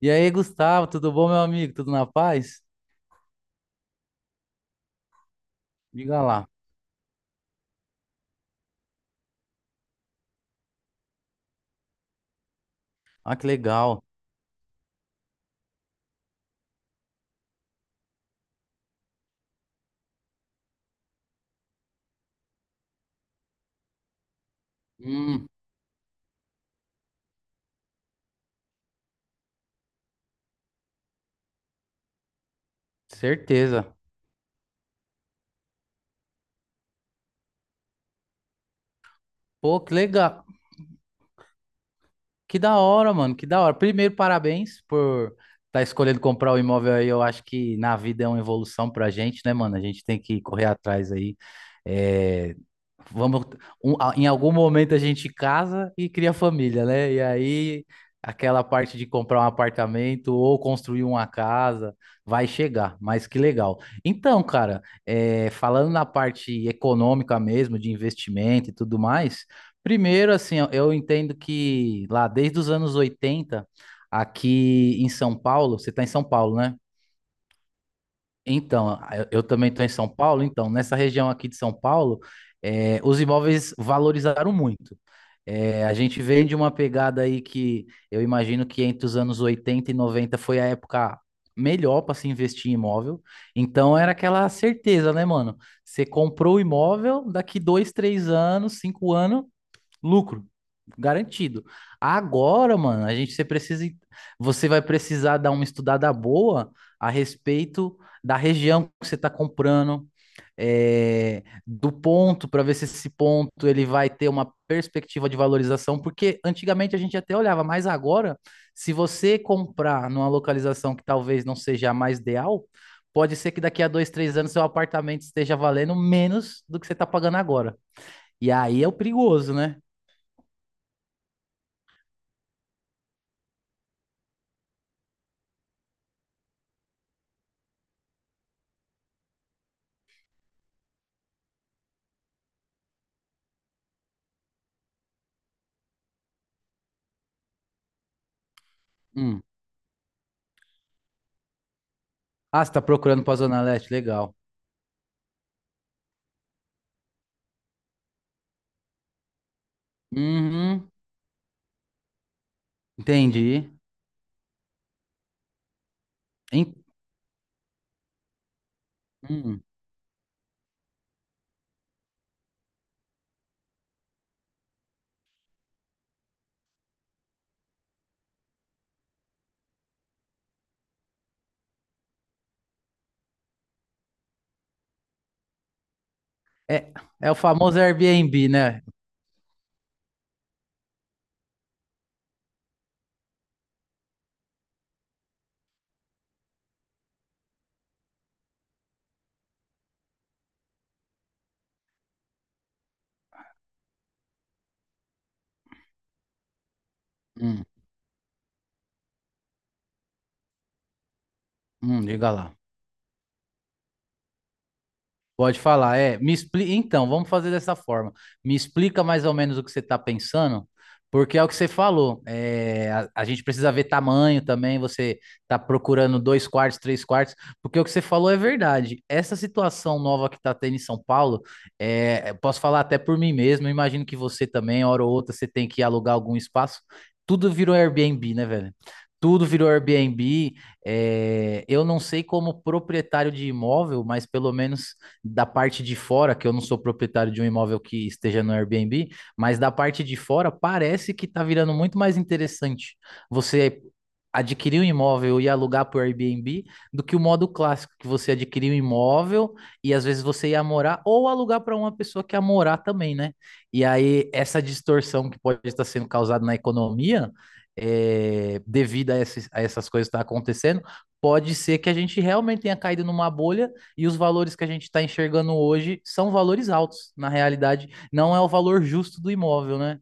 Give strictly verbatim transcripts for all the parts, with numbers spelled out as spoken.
E aí, Gustavo, tudo bom, meu amigo? Tudo na paz? Diga lá. Ah, que legal. Hum, certeza. Pô, que legal. Que da hora, mano, que da hora. Primeiro, parabéns por estar escolhendo comprar o imóvel aí. Eu acho que na vida é uma evolução pra gente, né, mano? A gente tem que correr atrás aí. É, vamos, um- a- em algum momento a gente casa e cria família, né? E aí aquela parte de comprar um apartamento ou construir uma casa vai chegar, mas que legal. Então, cara, é, falando na parte econômica mesmo, de investimento e tudo mais. Primeiro, assim, eu eu entendo que lá desde os anos oitenta aqui em São Paulo, você está em São Paulo, né? Então, eu, eu também estou em São Paulo, então, nessa região aqui de São Paulo, eh, os imóveis valorizaram muito. Eh, a gente vem de uma pegada aí que eu imagino que entre os anos oitenta e noventa foi a época melhor para se investir em imóvel. Então, era aquela certeza, né, mano? Você comprou o imóvel, daqui dois, três anos, cinco anos lucro garantido. Agora, mano, a gente você precisa você vai precisar dar uma estudada boa a respeito da região que você está comprando, é, do ponto para ver se esse ponto ele vai ter uma perspectiva de valorização, porque antigamente a gente até olhava, mas agora, se você comprar numa localização que talvez não seja a mais ideal, pode ser que daqui a dois, três anos seu apartamento esteja valendo menos do que você está pagando agora. E aí é o perigoso, né? Hum. Ah, você tá procurando pra Zona Leste, legal. Uhum, entendi. Em- hum. É, é o famoso Airbnb, né? Hum, hum, diga lá. Pode falar, é. Me expli... Então, vamos fazer dessa forma. Me explica mais ou menos o que você está pensando, porque é o que você falou. é, a, a gente precisa ver tamanho também. Você está procurando dois quartos, três quartos, porque o que você falou é verdade. Essa situação nova que está tendo em São Paulo, é, eu posso falar até por mim mesmo. Eu imagino que você também, hora ou outra, você tem que alugar algum espaço. Tudo virou Airbnb, né, velho? Tudo virou Airbnb. É, eu não sei como proprietário de imóvel, mas pelo menos da parte de fora, que eu não sou proprietário de um imóvel que esteja no Airbnb, mas da parte de fora parece que está virando muito mais interessante você adquirir um imóvel e alugar por Airbnb do que o modo clássico, que você adquirir um imóvel e às vezes você ia morar ou alugar para uma pessoa que ia morar também, né? E aí essa distorção que pode estar sendo causada na economia, é, devido a, esses, a essas coisas que estão acontecendo, pode ser que a gente realmente tenha caído numa bolha e os valores que a gente está enxergando hoje são valores altos, na realidade. Não é o valor justo do imóvel, né?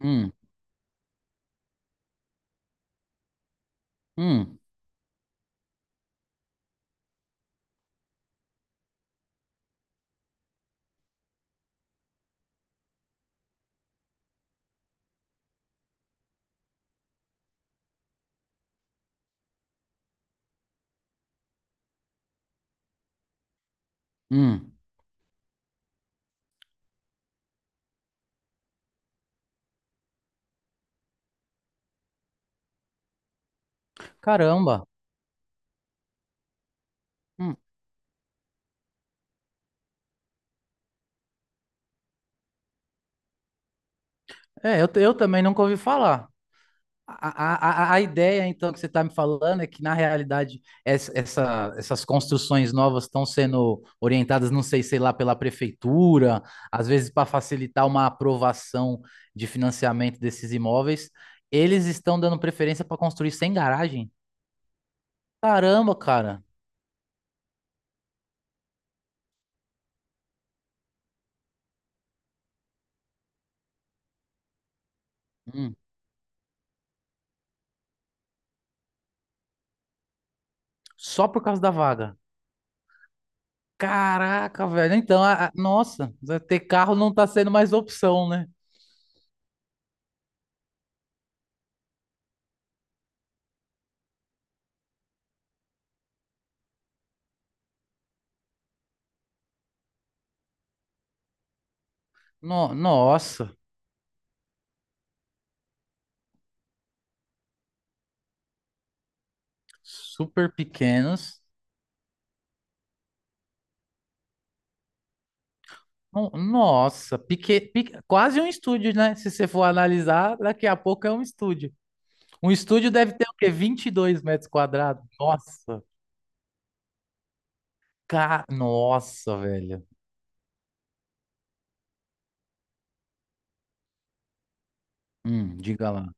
Hum, hum, hum. Caramba. Hum. É, eu, eu também nunca ouvi falar. A, a, a- a ideia, então, que você está me falando é que, na realidade, essa, essa- essas construções novas estão sendo orientadas, não sei, sei lá, pela prefeitura, às vezes para facilitar uma aprovação de financiamento desses imóveis. Eles estão dando preferência para construir sem garagem? Caramba, cara. Hum, só por causa da vaga. Caraca, velho. Então, a- a- nossa, né, ter carro não tá sendo mais opção, né? No- nossa, super pequenos. No- nossa, pique, pique- quase um estúdio, né? Se você for analisar, daqui a pouco é um estúdio. Um estúdio deve ter o quê? Vinte e dois metros quadrados. Nossa, ca, nossa, velho. Hum, diga lá.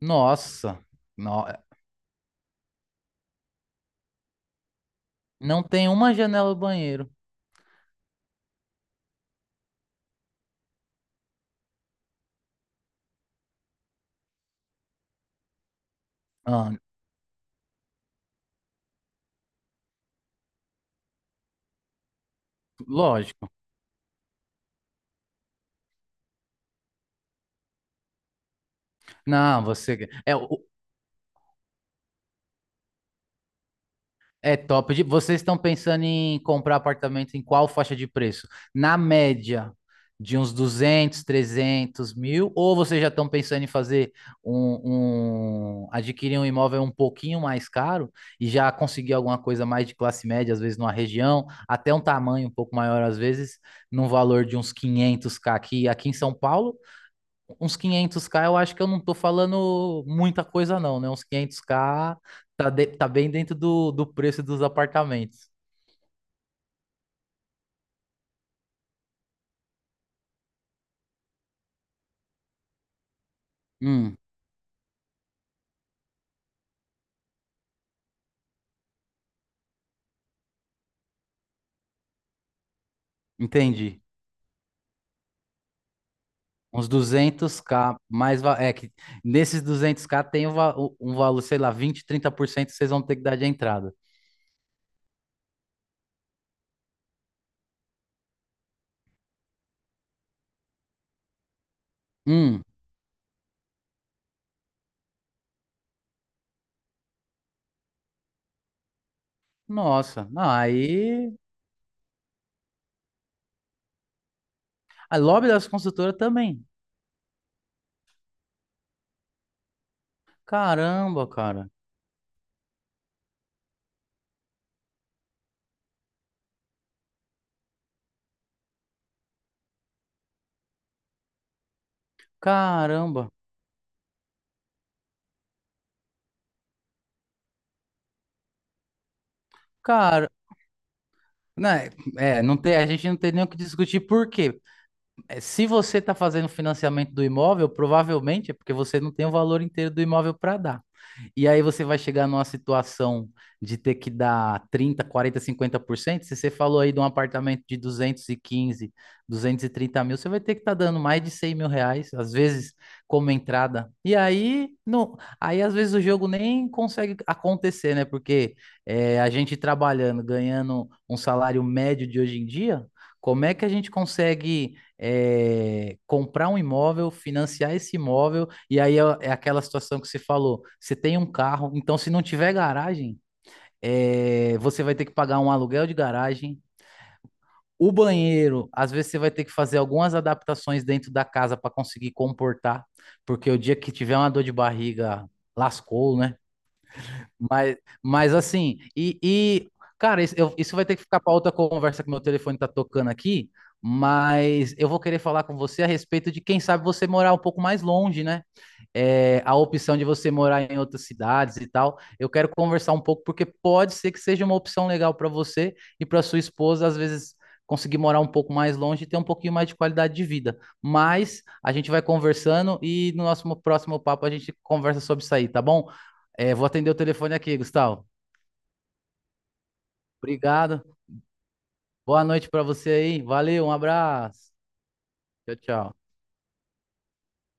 Nossa, no- não tem uma janela do banheiro. Ah, lógico. Não, você. É, o É top. De- Vocês estão pensando em comprar apartamento em qual faixa de preço? Na média de uns duzentos, trezentos mil? Ou vocês já estão pensando em fazer um, um- adquirir um imóvel um pouquinho mais caro e já conseguir alguma coisa mais de classe média, às vezes numa região, até um tamanho um pouco maior, às vezes, num valor de uns quinhentos k aqui, aqui em São Paulo? Uns quinhentos k, eu acho que eu não tô falando muita coisa não, né? Uns quinhentos k tá, de- tá bem dentro do, do preço dos apartamentos. Hum, entendi. Uns duzentos k, mais va- é que nesses duzentos k tem um, va- um valor, sei lá, vinte, trinta por cento vocês vão ter que dar de entrada. Hum, nossa. Não, aí a lobby das construtoras também. Caramba, cara. Caramba. Cara, né, é, não tem, a gente não tem nem o que discutir por quê? É, se você está fazendo financiamento do imóvel, provavelmente é porque você não tem o valor inteiro do imóvel para dar. E aí você vai chegar numa situação de ter que dar trinta, por cento, quarenta, por cento, cinquenta por cento. Se você falou aí de um apartamento de duzentos duzentos e quinze, duzentos e trinta mil, você vai ter que estar tá dando mais de cem mil reais, às vezes, como entrada. E aí, não, aí às vezes o jogo nem consegue acontecer, né? Porque é, a gente trabalhando, ganhando um salário médio de hoje em dia, como é que a gente consegue é, comprar um imóvel, financiar esse imóvel, e aí é, é aquela situação que você falou: você tem um carro, então se não tiver garagem, é, você vai ter que pagar um aluguel de garagem. O banheiro, às vezes você vai ter que fazer algumas adaptações dentro da casa para conseguir comportar, porque o dia que tiver uma dor de barriga, lascou, né? Mas, mas assim, e, e, cara, isso, eu- isso vai ter que ficar para outra conversa que meu telefone tá tocando aqui, mas eu vou querer falar com você a respeito de quem sabe você morar um pouco mais longe, né? É, a opção de você morar em outras cidades e tal. Eu quero conversar um pouco porque pode ser que seja uma opção legal para você e para sua esposa, às vezes conseguir morar um pouco mais longe e ter um pouquinho mais de qualidade de vida. Mas a gente vai conversando e no nosso próximo papo a gente conversa sobre isso aí, tá bom? É, vou atender o telefone aqui, Gustavo. Obrigado. Boa noite para você aí. Valeu, um abraço. Tchau, tchau.